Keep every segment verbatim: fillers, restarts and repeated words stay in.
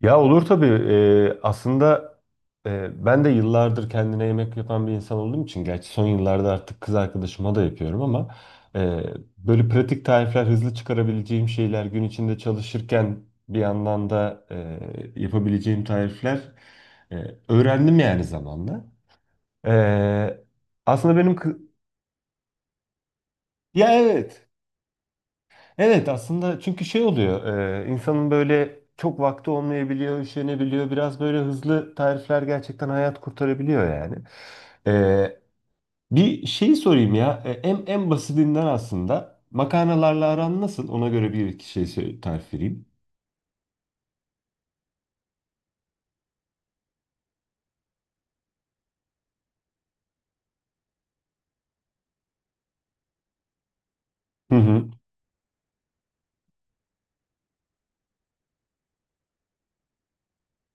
Ya olur tabii. Ee, aslında e, ben de yıllardır kendine yemek yapan bir insan olduğum için, gerçi son yıllarda artık kız arkadaşıma da yapıyorum ama e, böyle pratik tarifler, hızlı çıkarabileceğim şeyler, gün içinde çalışırken bir yandan da e, yapabileceğim tarifler e, öğrendim yani zamanla. E, aslında benim kı- ya evet Evet aslında, çünkü şey oluyor, e, insanın böyle çok vakti olmayabiliyor, üşenebiliyor. Biraz böyle hızlı tarifler gerçekten hayat kurtarabiliyor yani. E, bir şeyi sorayım ya. E, en, en basitinden, aslında makarnalarla aran nasıl? Ona göre bir iki şey sö- tarif vereyim. Hı hı.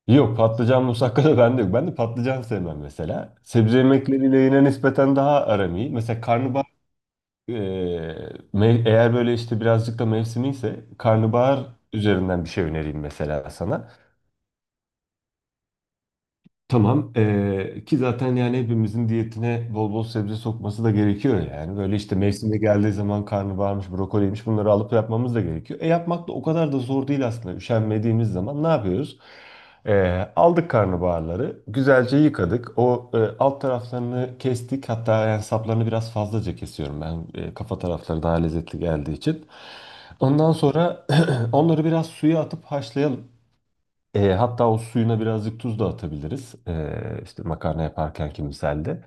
Yok, patlıcan musakka da bende yok. Ben de patlıcan sevmem mesela. Sebze yemekleriyle yine nispeten daha aram iyi. Mesela karnabahar. Ee, me- eğer böyle işte birazcık da mevsimi ise, karnabahar üzerinden bir şey önereyim mesela sana. Tamam. eee, ki zaten yani hepimizin diyetine bol bol sebze sokması da gerekiyor yani. Böyle işte mevsimde geldiği zaman karnabaharmış, brokoliymiş, bunları alıp yapmamız da gerekiyor. E yapmak da o kadar da zor değil aslında. Üşenmediğimiz zaman ne yapıyoruz? Eee, aldık karnabaharları, güzelce yıkadık. O e, alt taraflarını kestik. Hatta yani saplarını biraz fazlaca kesiyorum ben. E, kafa tarafları daha lezzetli geldiği için. Ondan sonra onları biraz suya atıp haşlayalım. E, hatta o suyuna birazcık tuz da atabiliriz. E, işte makarna yaparken ki misalde.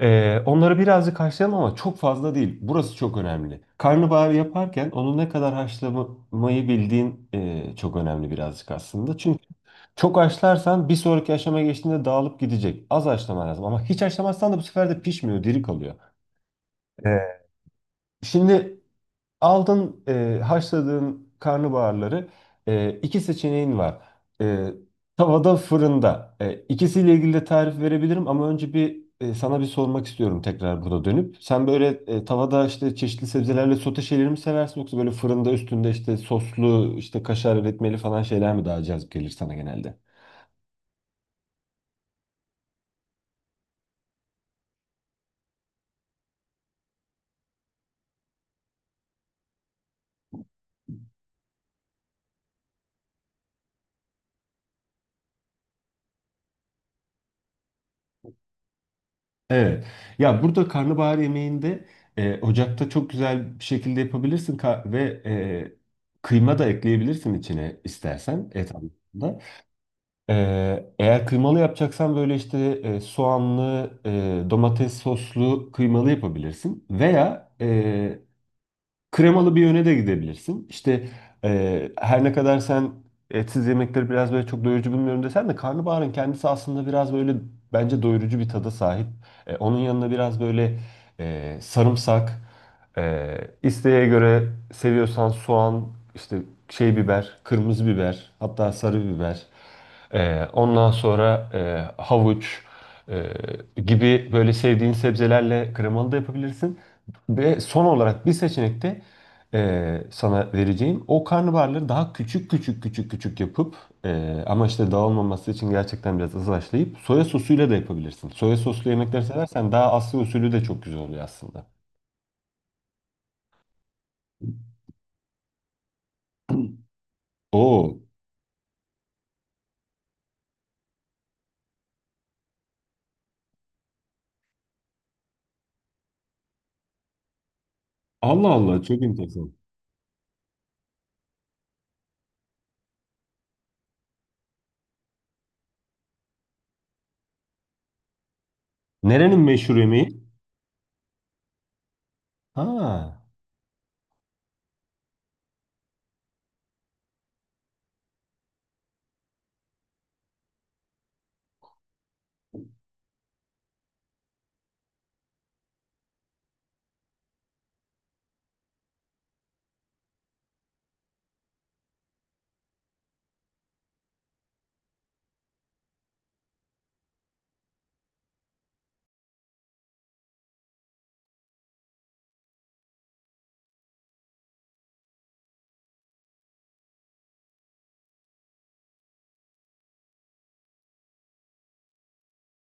E, onları birazcık haşlayalım, ama çok fazla değil. Burası çok önemli. Karnabahar yaparken onu ne kadar haşlamayı bildiğin e, çok önemli birazcık aslında. Çünkü çok haşlarsan bir sonraki aşamaya geçtiğinde dağılıp gidecek. Az haşlaman lazım, ama hiç haşlamazsan da bu sefer de pişmiyor, diri kalıyor. E, Şimdi Aldın e, haşladığın karnabaharları, e, iki seçeneğin var. E, Tavada, fırında. E, ikisiyle ilgili de tarif verebilirim, ama önce bir e, sana bir sormak istiyorum tekrar burada dönüp. Sen böyle e, tavada işte çeşitli sebzelerle sote şeyleri mi seversin, yoksa böyle fırında üstünde işte soslu işte kaşar etmeli falan şeyler mi daha cazip gelir sana genelde? Evet. Ya burada karnabahar yemeğinde e, ocakta çok güzel bir şekilde yapabilirsin ka- ve e, kıyma da ekleyebilirsin içine istersen, et anlamında. E, eğer kıymalı yapacaksan, böyle işte e, soğanlı, e, domates soslu kıymalı yapabilirsin. Veya e, kremalı bir yöne de gidebilirsin. İşte e, her ne kadar sen etsiz yemekleri biraz böyle çok doyurucu bulmuyorum desen de, karnabaharın kendisi aslında biraz böyle bence doyurucu bir tada sahip. E, onun yanına biraz böyle e, sarımsak, e, isteğe göre seviyorsan soğan, işte şey biber, kırmızı biber, hatta sarı biber. Ee, ondan sonra e, havuç e, gibi böyle sevdiğin sebzelerle kremalı da yapabilirsin. Ve son olarak bir seçenekte e, sana vereceğim. O karnabaharları daha küçük küçük küçük küçük yapıp, e, ama işte dağılmaması için gerçekten biraz azlaşlayıp soya sosuyla da yapabilirsin. Soya soslu yemekler seversen, daha Asya usulü de çok güzel oluyor aslında. Oo, Allah Allah, çok enteresan. Nerenin meşhur yemeği? Ha.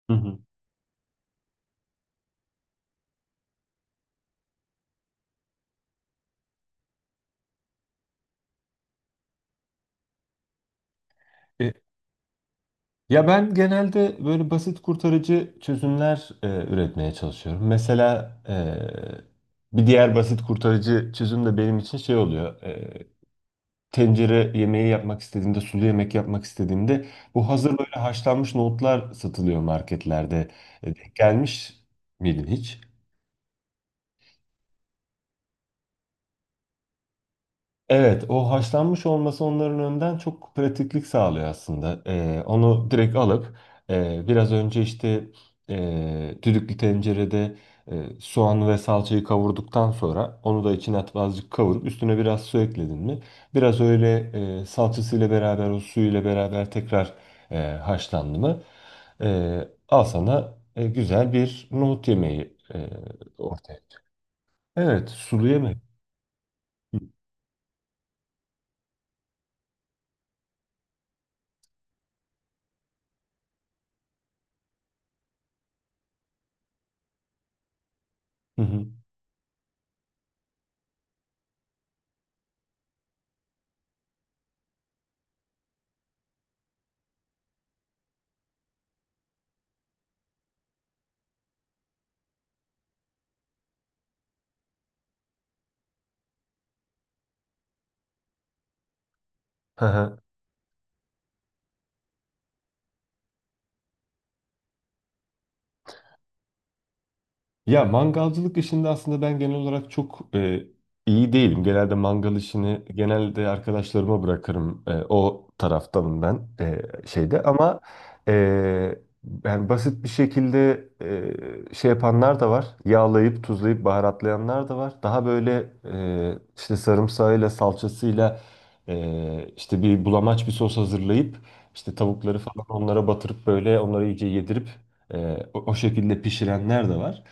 Hı hı. E, Ya ben genelde böyle basit kurtarıcı çözümler e, üretmeye çalışıyorum. Mesela e, bir diğer basit kurtarıcı çözüm de benim için şey oluyor. E, tencere yemeği yapmak istediğimde, sulu yemek yapmak istediğimde, bu hazır böyle haşlanmış nohutlar satılıyor marketlerde. E, Denk gelmiş miydin hiç? Evet, o haşlanmış olması onların önden çok pratiklik sağlıyor aslında. Ee, onu direkt alıp, e, biraz önce işte e, düdüklü tencerede e, soğan ve salçayı kavurduktan sonra onu da içine atıp azıcık kavurup üstüne biraz su ekledin mi? Biraz öyle e, salçasıyla beraber o suyuyla beraber tekrar e, haşlandı mı? E, al sana e, güzel bir nohut yemeği e, ortaya. Evet, sulu yemek. Hı hı. Hı hı. Ya mangalcılık işinde aslında ben genel olarak çok e, iyi değilim. Genelde mangal işini genelde arkadaşlarıma bırakırım. E, o taraftanım ben, e, şeyde ama e, yani basit bir şekilde e, şey yapanlar da var. Yağlayıp tuzlayıp baharatlayanlar da var. Daha böyle e, işte sarımsağıyla salçasıyla e, işte bir bulamaç bir sos hazırlayıp, işte tavukları falan onlara batırıp böyle onları iyice yedirip ee, o, o şekilde pişirenler de var.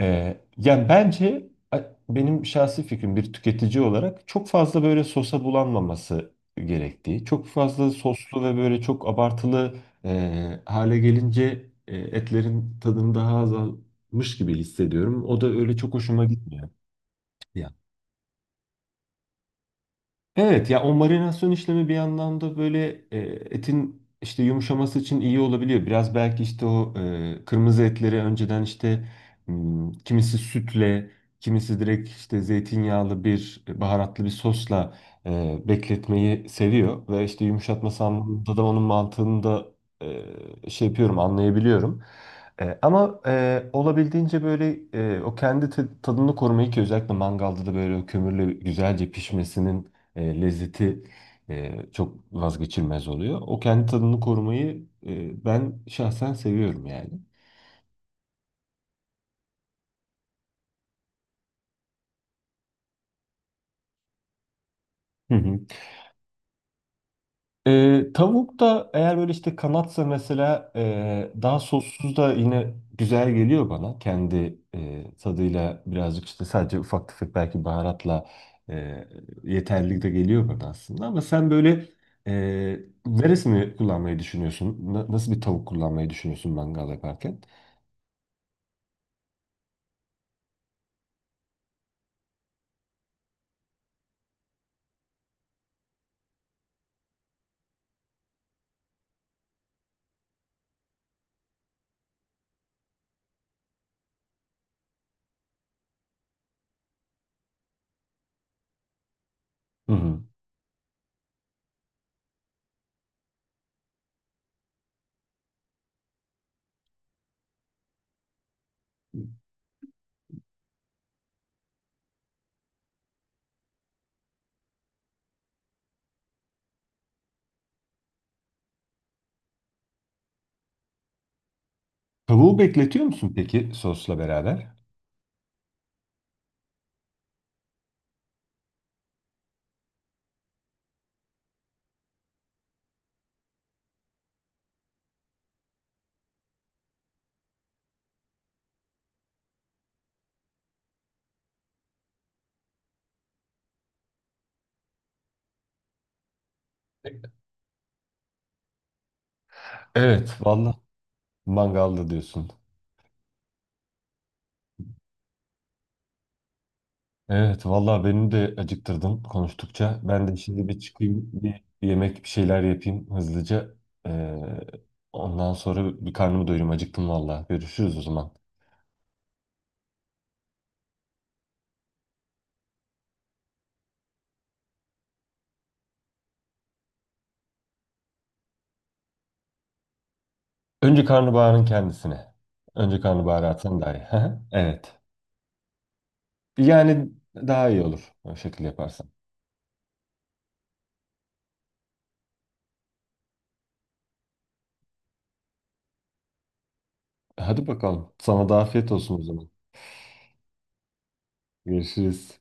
Ee, yani bence a- Benim şahsi fikrim, bir tüketici olarak çok fazla böyle sosa bulanmaması gerektiği, çok fazla soslu ve böyle çok abartılı e, hale gelince e, etlerin tadını daha azalmış gibi hissediyorum. O da öyle çok hoşuma gitmiyor. Evet ya, o marinasyon işlemi bir yandan da böyle e, etin işte yumuşaması için iyi olabiliyor. Biraz belki işte o e, kırmızı etleri önceden işte m, kimisi sütle, kimisi direkt işte zeytinyağlı bir baharatlı bir sosla e, bekletmeyi seviyor. Ve işte yumuşatması anlamında da onun mantığını da e, şey yapıyorum, anlayabiliyorum. E, ama e, olabildiğince böyle e, o kendi te- tadını korumayı, ki özellikle mangalda da böyle o kömürle güzelce pişmesinin e, lezzeti e, çok vazgeçilmez oluyor. O kendi tadını korumayı e, ben şahsen seviyorum yani. Hı hı. E, tavuk da eğer böyle işte kanatsa mesela, e, daha sossuz da yine güzel geliyor bana. Kendi e, tadıyla birazcık, işte sadece ufak tefek belki baharatla e, yeterli de geliyor bana aslında. Ama sen böyle e, neresini kullanmayı düşünüyorsun? Na- nasıl bir tavuk kullanmayı düşünüyorsun mangal yaparken? Hı hı. Tavuğu bekletiyor musun peki sosla beraber? Evet, vallahi mangalda diyorsun. Evet, vallahi beni de acıktırdın konuştukça. Ben de şimdi bir çıkayım, bir yemek bir şeyler yapayım hızlıca. Ee, ondan sonra bir karnımı doyurayım. Acıktım vallahi. Görüşürüz o zaman. Önce karnabaharın kendisine. Önce karnabaharı atsan daha iyi. Evet. Yani daha iyi olur o şekilde yaparsan. Hadi bakalım. Sana da afiyet olsun o zaman. Görüşürüz.